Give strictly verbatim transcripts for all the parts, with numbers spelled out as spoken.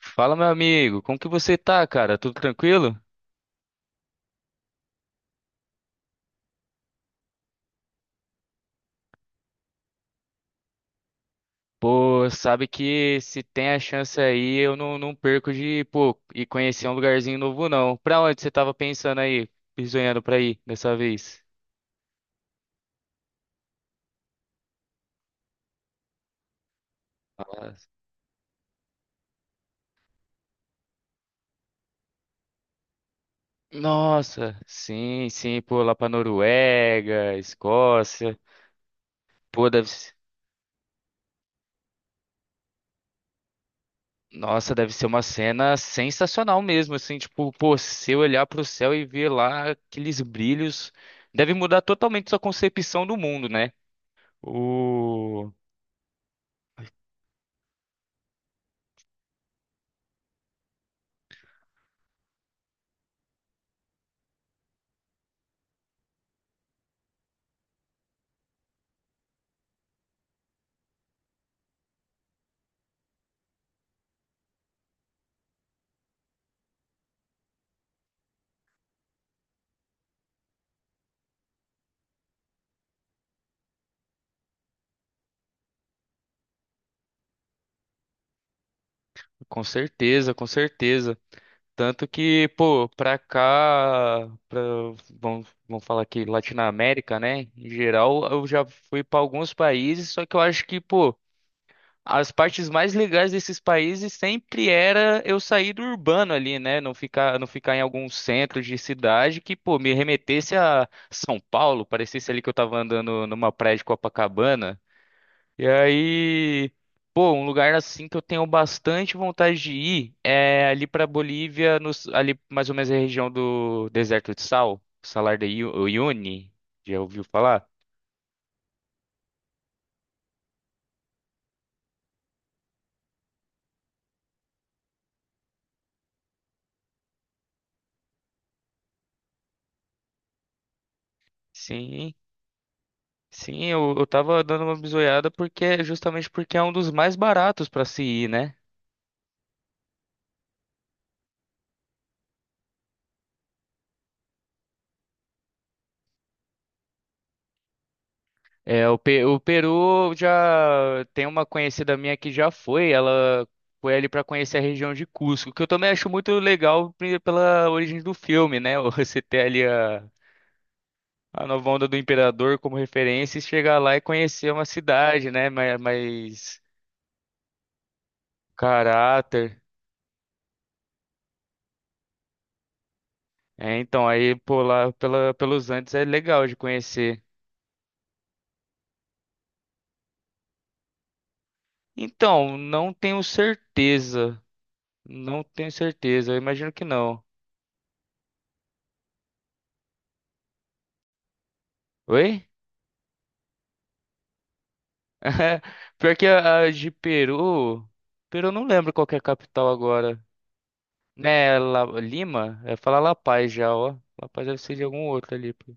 Fala, meu amigo, como que você tá, cara? Tudo tranquilo? Pô, sabe que se tem a chance aí, eu não, não perco de, pô, ir conhecer um lugarzinho novo, não. Pra onde você tava pensando aí, sonhando pra ir dessa vez? Nossa, sim, sim, pô, lá pra Noruega, Escócia. Pô, deve ser. Nossa, deve ser uma cena sensacional mesmo, assim, tipo, pô, se eu olhar pro céu e ver lá aqueles brilhos, deve mudar totalmente sua concepção do mundo, né? O... Com certeza, com certeza. Tanto que, pô, pra cá, pra, vamos, vamos falar aqui, Latinoamérica, né? Em geral, eu já fui pra alguns países, só que eu acho que, pô, as partes mais legais desses países sempre era eu sair do urbano ali, né? Não ficar, não ficar em algum centro de cidade que, pô, me remetesse a São Paulo, parecesse ali que eu tava andando numa praia de Copacabana. E aí, pô, um lugar assim que eu tenho bastante vontade de ir é ali pra Bolívia, nos- ali mais ou menos na região do Deserto de Sal, Salar de Iu- Uyuni. Já ouviu falar? Sim, sim, eu, eu tava dando uma bisoiada porque justamente porque é um dos mais baratos pra se ir, né? É, o, Pe- o Peru já tem uma conhecida minha que já foi, ela foi ali para conhecer a região de Cusco, que eu também acho muito legal pri- pela origem do filme, né? Você ter ali a, a nova onda do imperador como referência e chegar lá e conhecer uma cidade, né? Mais, mais caráter. É, então, aí por lá pela, pelos Andes é legal de conhecer. Então, não tenho certeza. Não tenho certeza, eu imagino que não. Oi? É, pior que a, a de Peru. Peru eu não lembro qual que é a capital agora. Né, La- Lima? É falar La Paz já, ó. La Paz deve ser de algum outro ali, pô.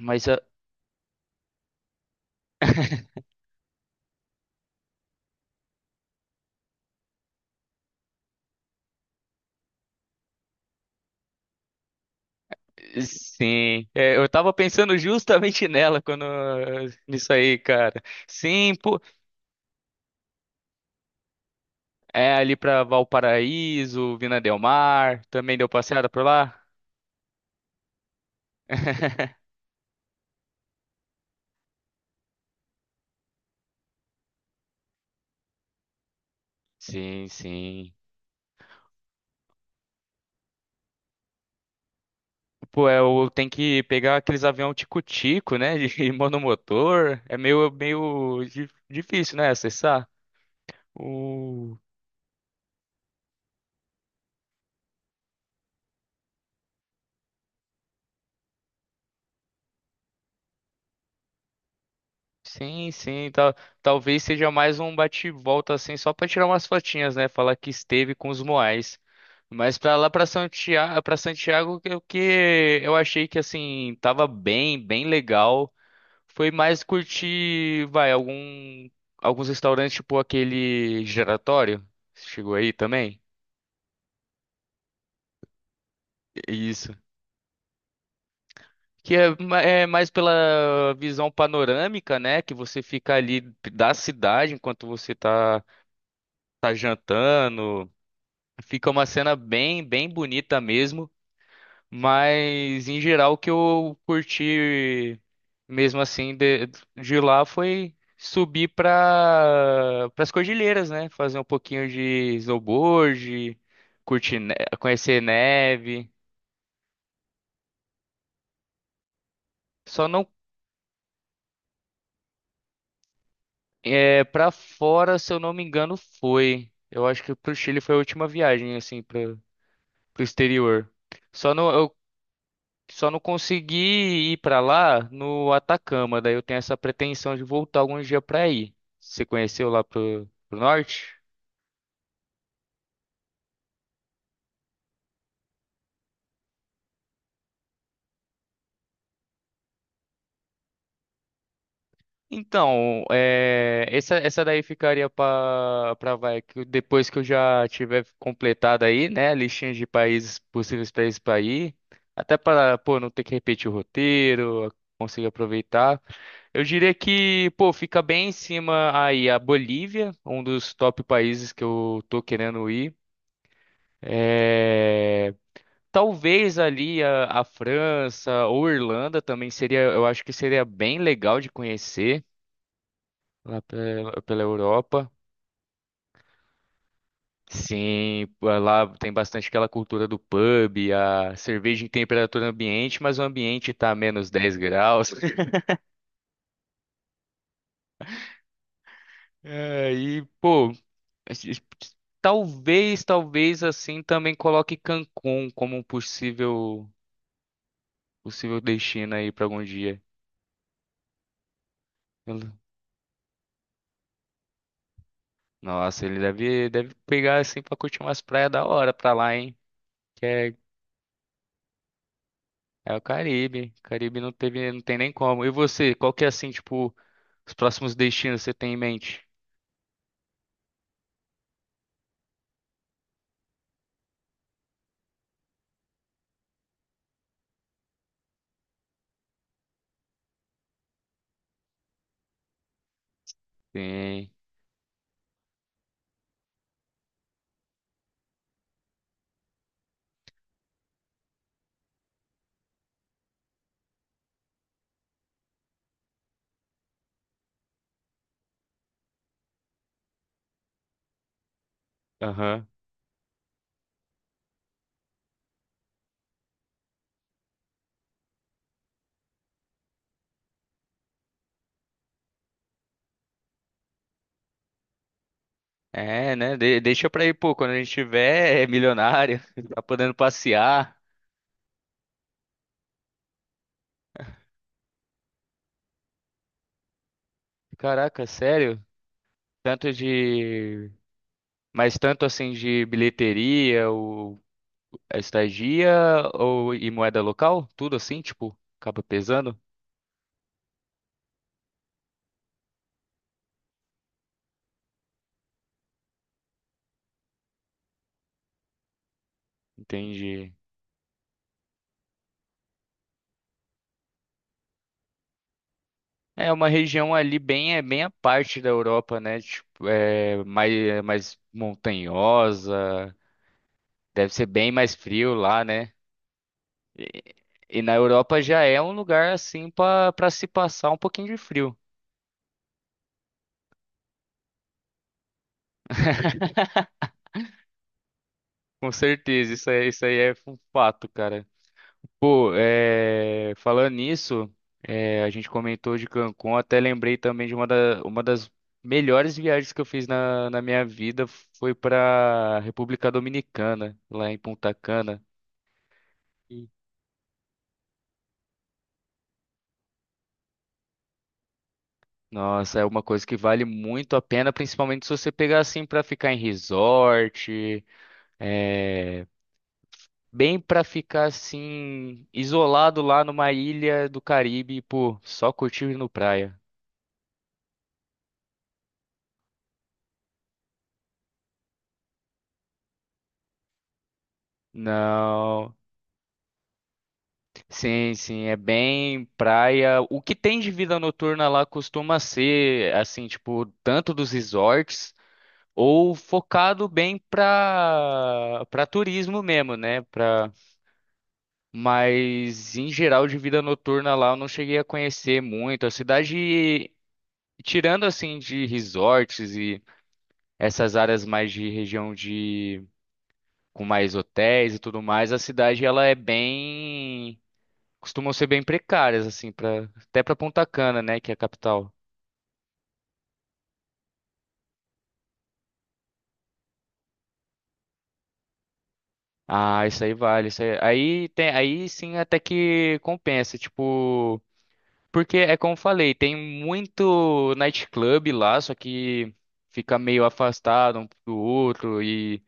Mas ah, sim, é, eu tava pensando justamente nela quando ah, nisso aí, cara. Sim, pô, é ali pra Valparaíso, Vina del Mar, também deu passeada por lá? Sim, sim. Pô, é, eu tenho que pegar aqueles avião tico-tico, né? De monomotor. É meio, meio di- difícil, né? Acessar. O... Sim, sim. tal- Talvez seja mais um bate-volta, assim, só pra tirar umas fotinhas, né? Falar que esteve com os Moais. Mas pra lá, pra Santiago, para Santiago, que- o que eu achei que, assim, tava bem, bem legal. Foi mais curtir, vai, algum, alguns restaurantes, tipo aquele giratório. Chegou aí também? Isso. Que é, ma- é mais pela visão panorâmica, né? Que você fica ali da cidade enquanto você tá, tá jantando. Fica uma cena bem, bem bonita mesmo. Mas, em geral, o que eu curti mesmo assim de, de lá foi subir para as cordilheiras, né? Fazer um pouquinho de snowboard, curtir, ne- conhecer neve. Só não é, para fora, se eu não me engano, foi. Eu acho que pro Chile foi a última viagem, assim, para pro exterior. Só não, eu só não consegui ir pra lá no Atacama, daí eu tenho essa pretensão de voltar algum dia pra ir. Você conheceu lá pro, pro norte? Então, é, essa, essa daí ficaria para para vai que depois que eu já tiver completado aí, né, a listinha de países possíveis países para ir, até para, pô, não ter que repetir o roteiro, conseguir aproveitar. Eu diria que, pô, fica bem em cima aí a Bolívia, um dos top países que eu tô querendo ir. É, talvez ali a, a França ou Irlanda também seria, eu acho que seria bem legal de conhecer. Lá pela, pela Europa. Sim, eh, lá tem bastante aquela cultura do pub, a cerveja em temperatura ambiente, mas o ambiente tá a menos dez graus. É, e, pô, talvez, talvez assim também coloque Cancún como um possível, possível destino aí pra algum dia. Eu- Nossa, ele deve, deve pegar assim pra curtir umas praias da hora pra lá, hein? Que é, é o Caribe. Caribe não teve, não tem nem como. E você, qual que é assim, tipo. Os próximos destinos você tem em mente? Sim. Aham. É, né? De- deixa pra ir, pô, quando a gente tiver é milionário, tá podendo passear. Caraca, sério? Tanto de. Mas tanto assim de bilheteria, ou a estadia, ou e moeda local? Tudo assim, tipo, acaba pesando? Entendi. É uma região ali bem, é bem a parte da Europa, né? Tipo, é mais, mais montanhosa, deve ser bem mais frio lá, né? E na Europa já é um lugar assim pra para se passar um pouquinho de frio. Com certeza, isso aí, isso aí é um fato, cara. Pô, é, falando nisso, é, a gente comentou de Cancún, até lembrei também de uma, da- uma das melhores viagens que eu fiz na, na minha vida foi pra República Dominicana, lá em Punta Cana. Sim. Nossa, é uma coisa que vale muito a pena, principalmente se você pegar assim pra ficar em resort, é, bem pra ficar assim, isolado lá numa ilha do Caribe, e, pô, só curtindo no praia. Não, sim, sim, é bem praia. O que tem de vida noturna lá costuma ser, assim, tipo, tanto dos resorts ou focado bem pra, pra turismo mesmo, né? Pra, mas em geral de vida noturna lá eu não cheguei a conhecer muito. A cidade, tirando assim de resorts e essas áreas mais de região de com mais hotéis e tudo mais, a cidade ela é bem costumam ser bem precárias assim para até para Punta Cana, né, que é a capital. Ah, isso aí vale, isso aí, aí tem aí sim até que compensa, tipo, porque é como eu falei, tem muito nightclub lá, só que fica meio afastado um do outro e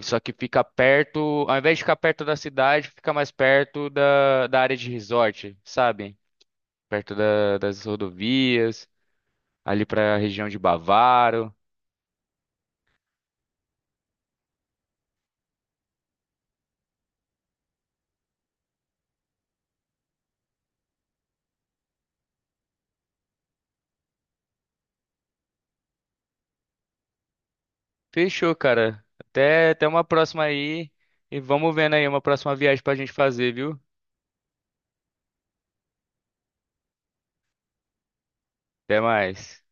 só que fica perto, ao invés de ficar perto da cidade, fica mais perto da, da área de resort, sabe? Perto da- das rodovias, ali para a região de Bavaro. Fechou, cara. Até, até uma próxima aí. E vamos vendo aí uma próxima viagem pra gente fazer, viu? Até mais.